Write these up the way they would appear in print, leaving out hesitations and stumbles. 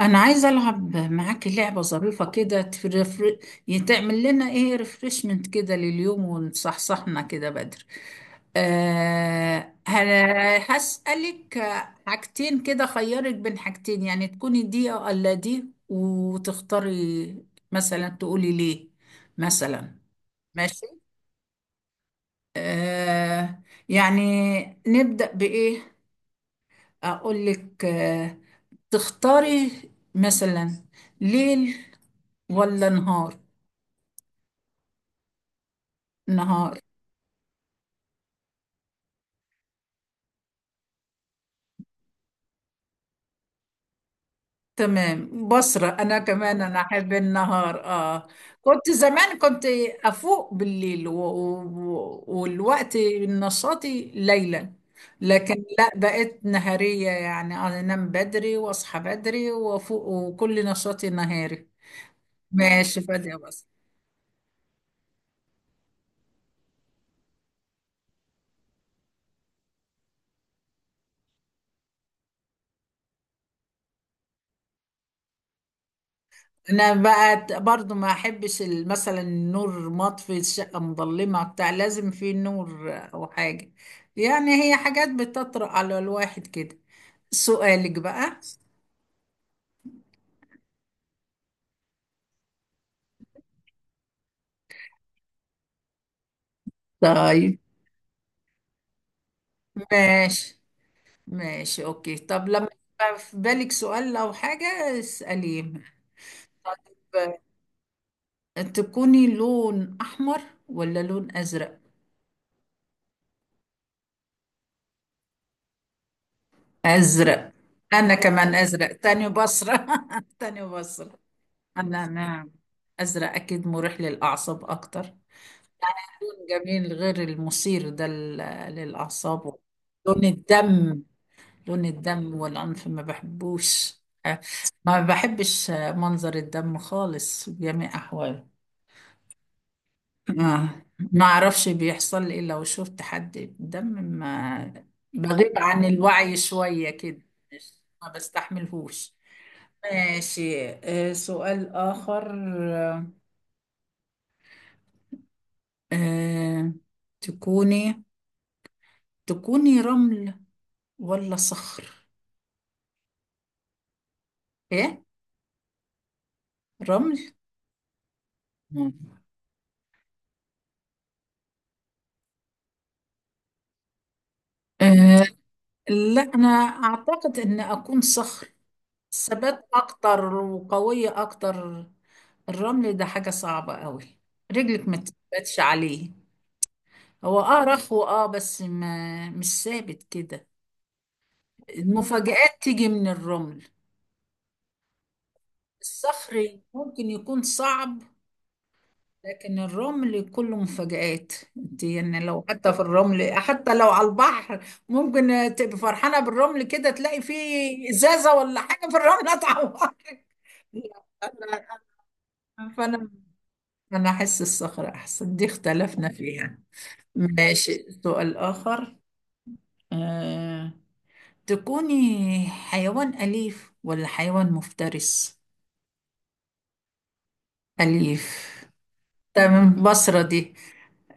انا عايزه العب معاكي لعبه ظريفه كده تفرفر. تعمل لنا ايه ريفرشمنت كده لليوم ونصحصحنا كده بدري. هسألك حاجتين كده، خيرك بين حاجتين، يعني تكوني دي أو الا دي وتختاري. مثلا تقولي ليه، مثلا. ماشي. أه يعني نبدأ بإيه؟ اقول لك تختاري مثلا ليل ولا نهار؟ نهار. تمام بصرة، أنا كمان أنا أحب النهار. كنت زمان كنت أفوق بالليل والوقت نشاطي ليلا. لكن لا بقيت نهارية، يعني أنا أنام بدري وأصحى بدري وأفوق وكل نشاطي نهاري. ماشي فادية بس. انا بقى برضو ما احبش مثلا النور مطفي الشقه مظلمه بتاع، لازم في نور او حاجه. يعني هي حاجات بتطرق على الواحد كده. سؤالك بقى. طيب، ماشي. ماشي اوكي، طب لما يبقى في بالك سؤال او حاجه اساليه. طيب. تكوني لون احمر ولا لون ازرق؟ ازرق. انا كمان ازرق تاني بصره. تاني بصره. أنا نعم، أزرق أكيد مريح للأعصاب أكتر. لون جميل، غير المثير ده للأعصاب. لون الدم. لون الدم والعنف ما بحبوش. ما بحبش منظر الدم خالص بجميع أحواله. ما أعرفش بيحصل لي إيه لو شفت حد دم ما. بغيب عن الوعي شوية كده. ما بستحملهوش. ماشي، سؤال آخر. آه تكوني تكوني رمل ولا صخر؟ ايه، رمل. مم. آه لا، انا اعتقد ان اكون صخر، ثبات اكتر وقوية اكتر. الرمل ده حاجة صعبة قوي، رجلك ما تثبتش عليه. هو رخو بس ما مش ثابت كده. المفاجآت تيجي من الرمل. الصخر ممكن يكون صعب، لكن الرمل كله مفاجآت. انت يعني لو حتى في الرمل، حتى لو على البحر، ممكن تبقى فرحانة بالرمل كده تلاقي فيه إزازة ولا حاجة في الرمل هتعورك. لا، فأنا، أنا أحس الصخرة أحسن، دي اختلفنا فيها. ماشي، سؤال آخر. أه... تكوني حيوان أليف ولا حيوان مفترس؟ أليف. تمام بصرة دي.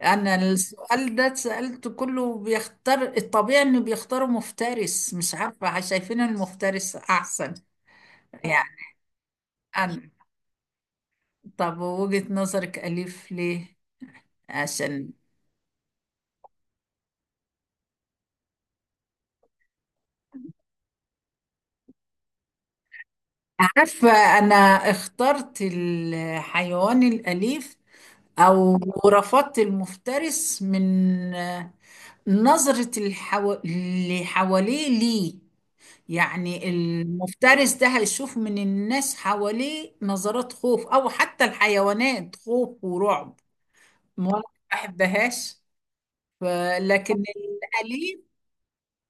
انا السؤال ده سألته كله بيختار الطبيعي انه بيختاروا مفترس، مش عارفة شايفين المفترس احسن. يعني انا، طب وجهة نظرك اليف ليه؟ عشان، عارفة انا اخترت الحيوان الاليف او رفضت المفترس من آه، نظرة اللي حواليه ليه. يعني المفترس ده هيشوف من الناس حواليه نظرات خوف، او حتى الحيوانات خوف ورعب. ما أنا ما بحبهاش. ف- لكن الاليف،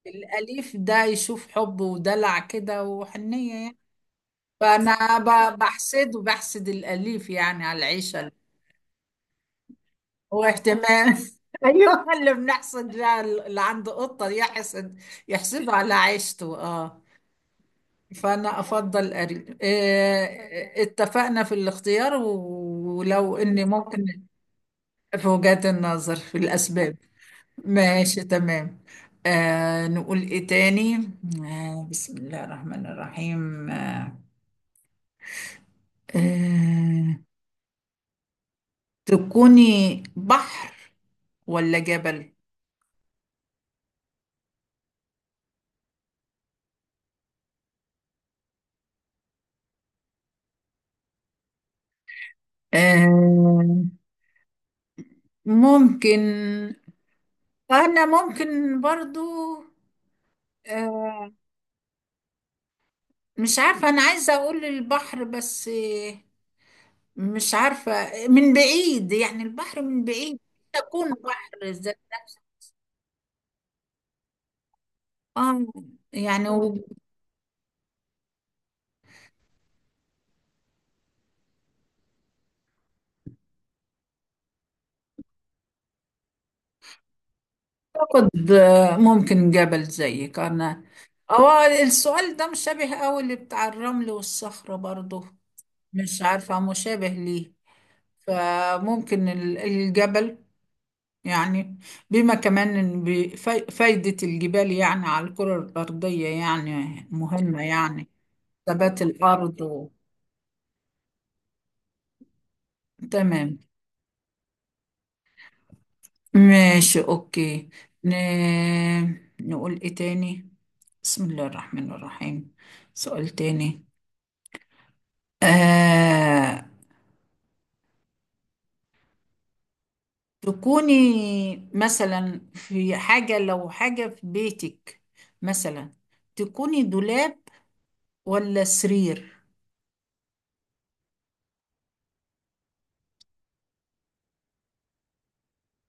الاليف ده يشوف حب ودلع كده وحنيه يعني. فانا بحسد وبحسد الاليف يعني على العيشه واهتمام. ايوه، اللي بنحسد بقى اللي عنده قطه يحسد، يحسده على عيشته اه فأنا أفضل أري، اتفقنا في الاختيار ولو إني ممكن في وجهات النظر، في الأسباب. ماشي تمام. نقول إيه تاني؟ بسم الله الرحمن الرحيم. آه تكوني بحر ولا جبل؟ آه ممكن، أنا ممكن برضو. آه مش عارفة، أنا عايزة أقول البحر بس. مش عارفة، من بعيد يعني البحر من بعيد. تكون بحر زي آه يعني وبتاخد، ممكن جبل زيك أنا. هو السؤال ده مشابه أوي اللي بتاع الرمل والصخرة برضه. مش عارفة مشابه ليه. فممكن الجبل، يعني بما كمان إن فايدة الجبال يعني على الكرة الأرضية يعني مهمة يعني. ثبات الأرض. تمام، ماشي اوكي. ن... نقول ايه تاني؟ بسم الله الرحمن الرحيم، سؤال تاني. آه... تكوني مثلا في حاجة، لو حاجة في بيتك، مثلا، تكوني دولاب ولا سرير؟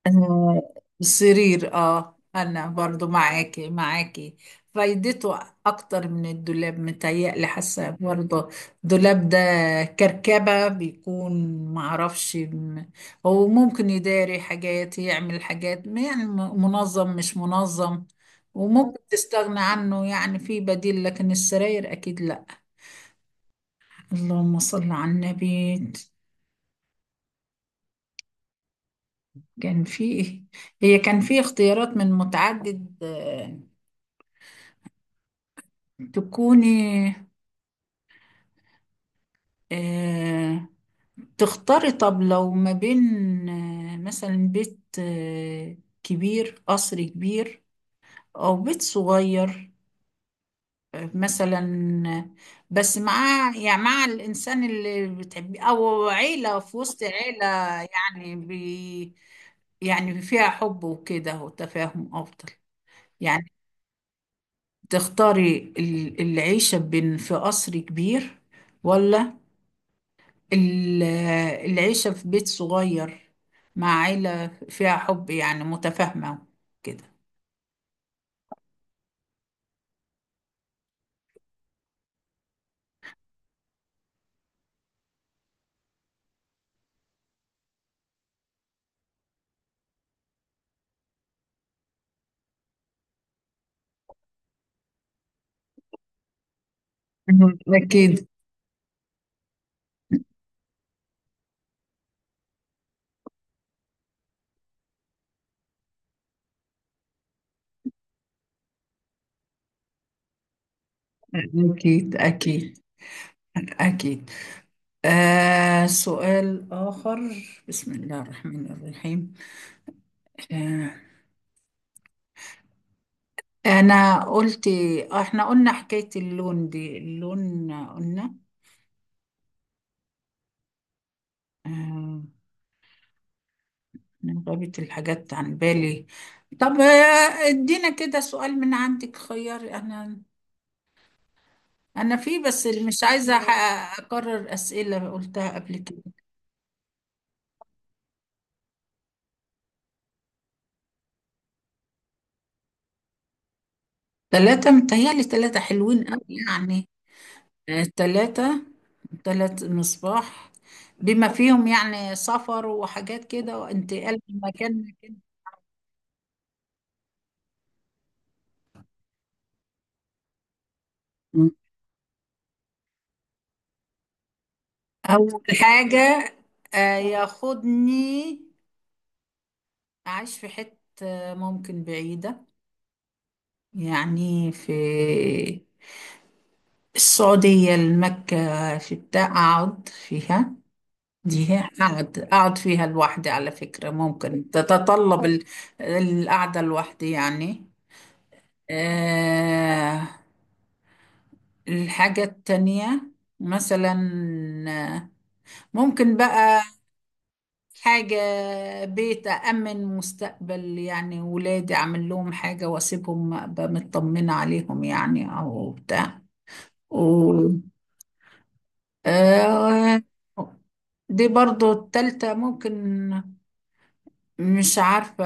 آه، السرير، اه انا برضو معاكي معاكي، فايدته اكتر من الدولاب، متهيألي حاسه برضو. الدولاب ده كركبه بيكون، معرفش. هو ممكن يداري حاجات يعمل حاجات يعني منظم مش منظم، وممكن تستغنى عنه يعني، في بديل، لكن السراير اكيد لا. اللهم صل على النبي. كان في، هي كان في اختيارات من متعدد. تكوني آه، تختاري طب لو ما بين، مثلا بيت، كبير، قصر كبير أو بيت صغير، مثلا، آه، بس مع، يعني مع الإنسان اللي بتحبيه، أو عيلة في وسط عيلة. يعني يعني فيها حب وكده وتفاهم أفضل. يعني تختاري العيشة بين في قصر كبير، ولا ال- العيشة في بيت صغير مع عيلة فيها حب يعني متفاهمة كده. مهم. أكيد، أكيد، أكيد، أكيد. سؤال آخر. بسم الله الرحمن الرحيم. آه أنا قلت، إحنا قلنا حكاية اللون دي، اللون قلنا. آه أنا غابت الحاجات عن بالي. طب، ادينا كده سؤال من عندك خيار أنا. انا في بس اللي مش عايزه اكرر اسئله قلتها قبل كده. ثلاثه متهيألي ثلاثه حلوين قوي، يعني ثلاثه، ثلاث مصباح بما فيهم، يعني سفر وحاجات كده وانتقال من مكان لمكان. م. اول حاجه، ياخدني اعيش في حته ممكن بعيده، يعني في السعوديه المكه في بتاع، اقعد فيها. دي أقعد فيها لوحدي على فكرة، ممكن تتطلب القعدة لوحدي يعني. آه الحاجة التانية مثلا، آه، ممكن بقى حاجة، بيت أأمن مستقبل يعني ولادي، أعمل لهم حاجة وأسيبهم أبقى مطمنة عليهم، يعني أو بتاع. و آه دي برضو التالتة ممكن، مش عارفة،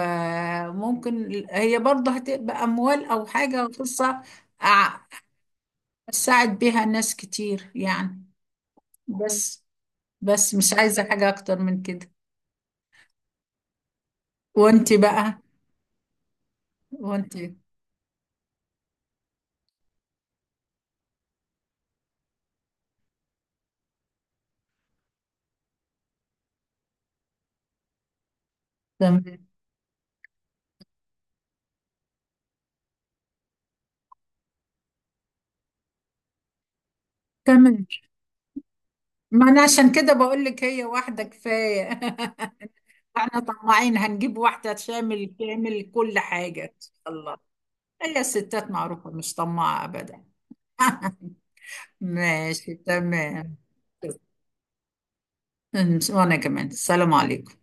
ممكن هي برضه هتبقى أموال أو حاجة فرصة أع- أساعد بيها ناس كتير يعني. بس بس مش عايزة حاجة أكتر من كده. وأنت بقى، وأنت. تمام. تمام. ما أنا عشان كده بقول لك، هي واحدة كفاية. احنا طماعين، هنجيب واحدة شامل تعمل كل حاجة إن شاء الله. هي الستات معروفة مش طماعة أبدا. ماشي تمام. وأنا كمان، السلام عليكم.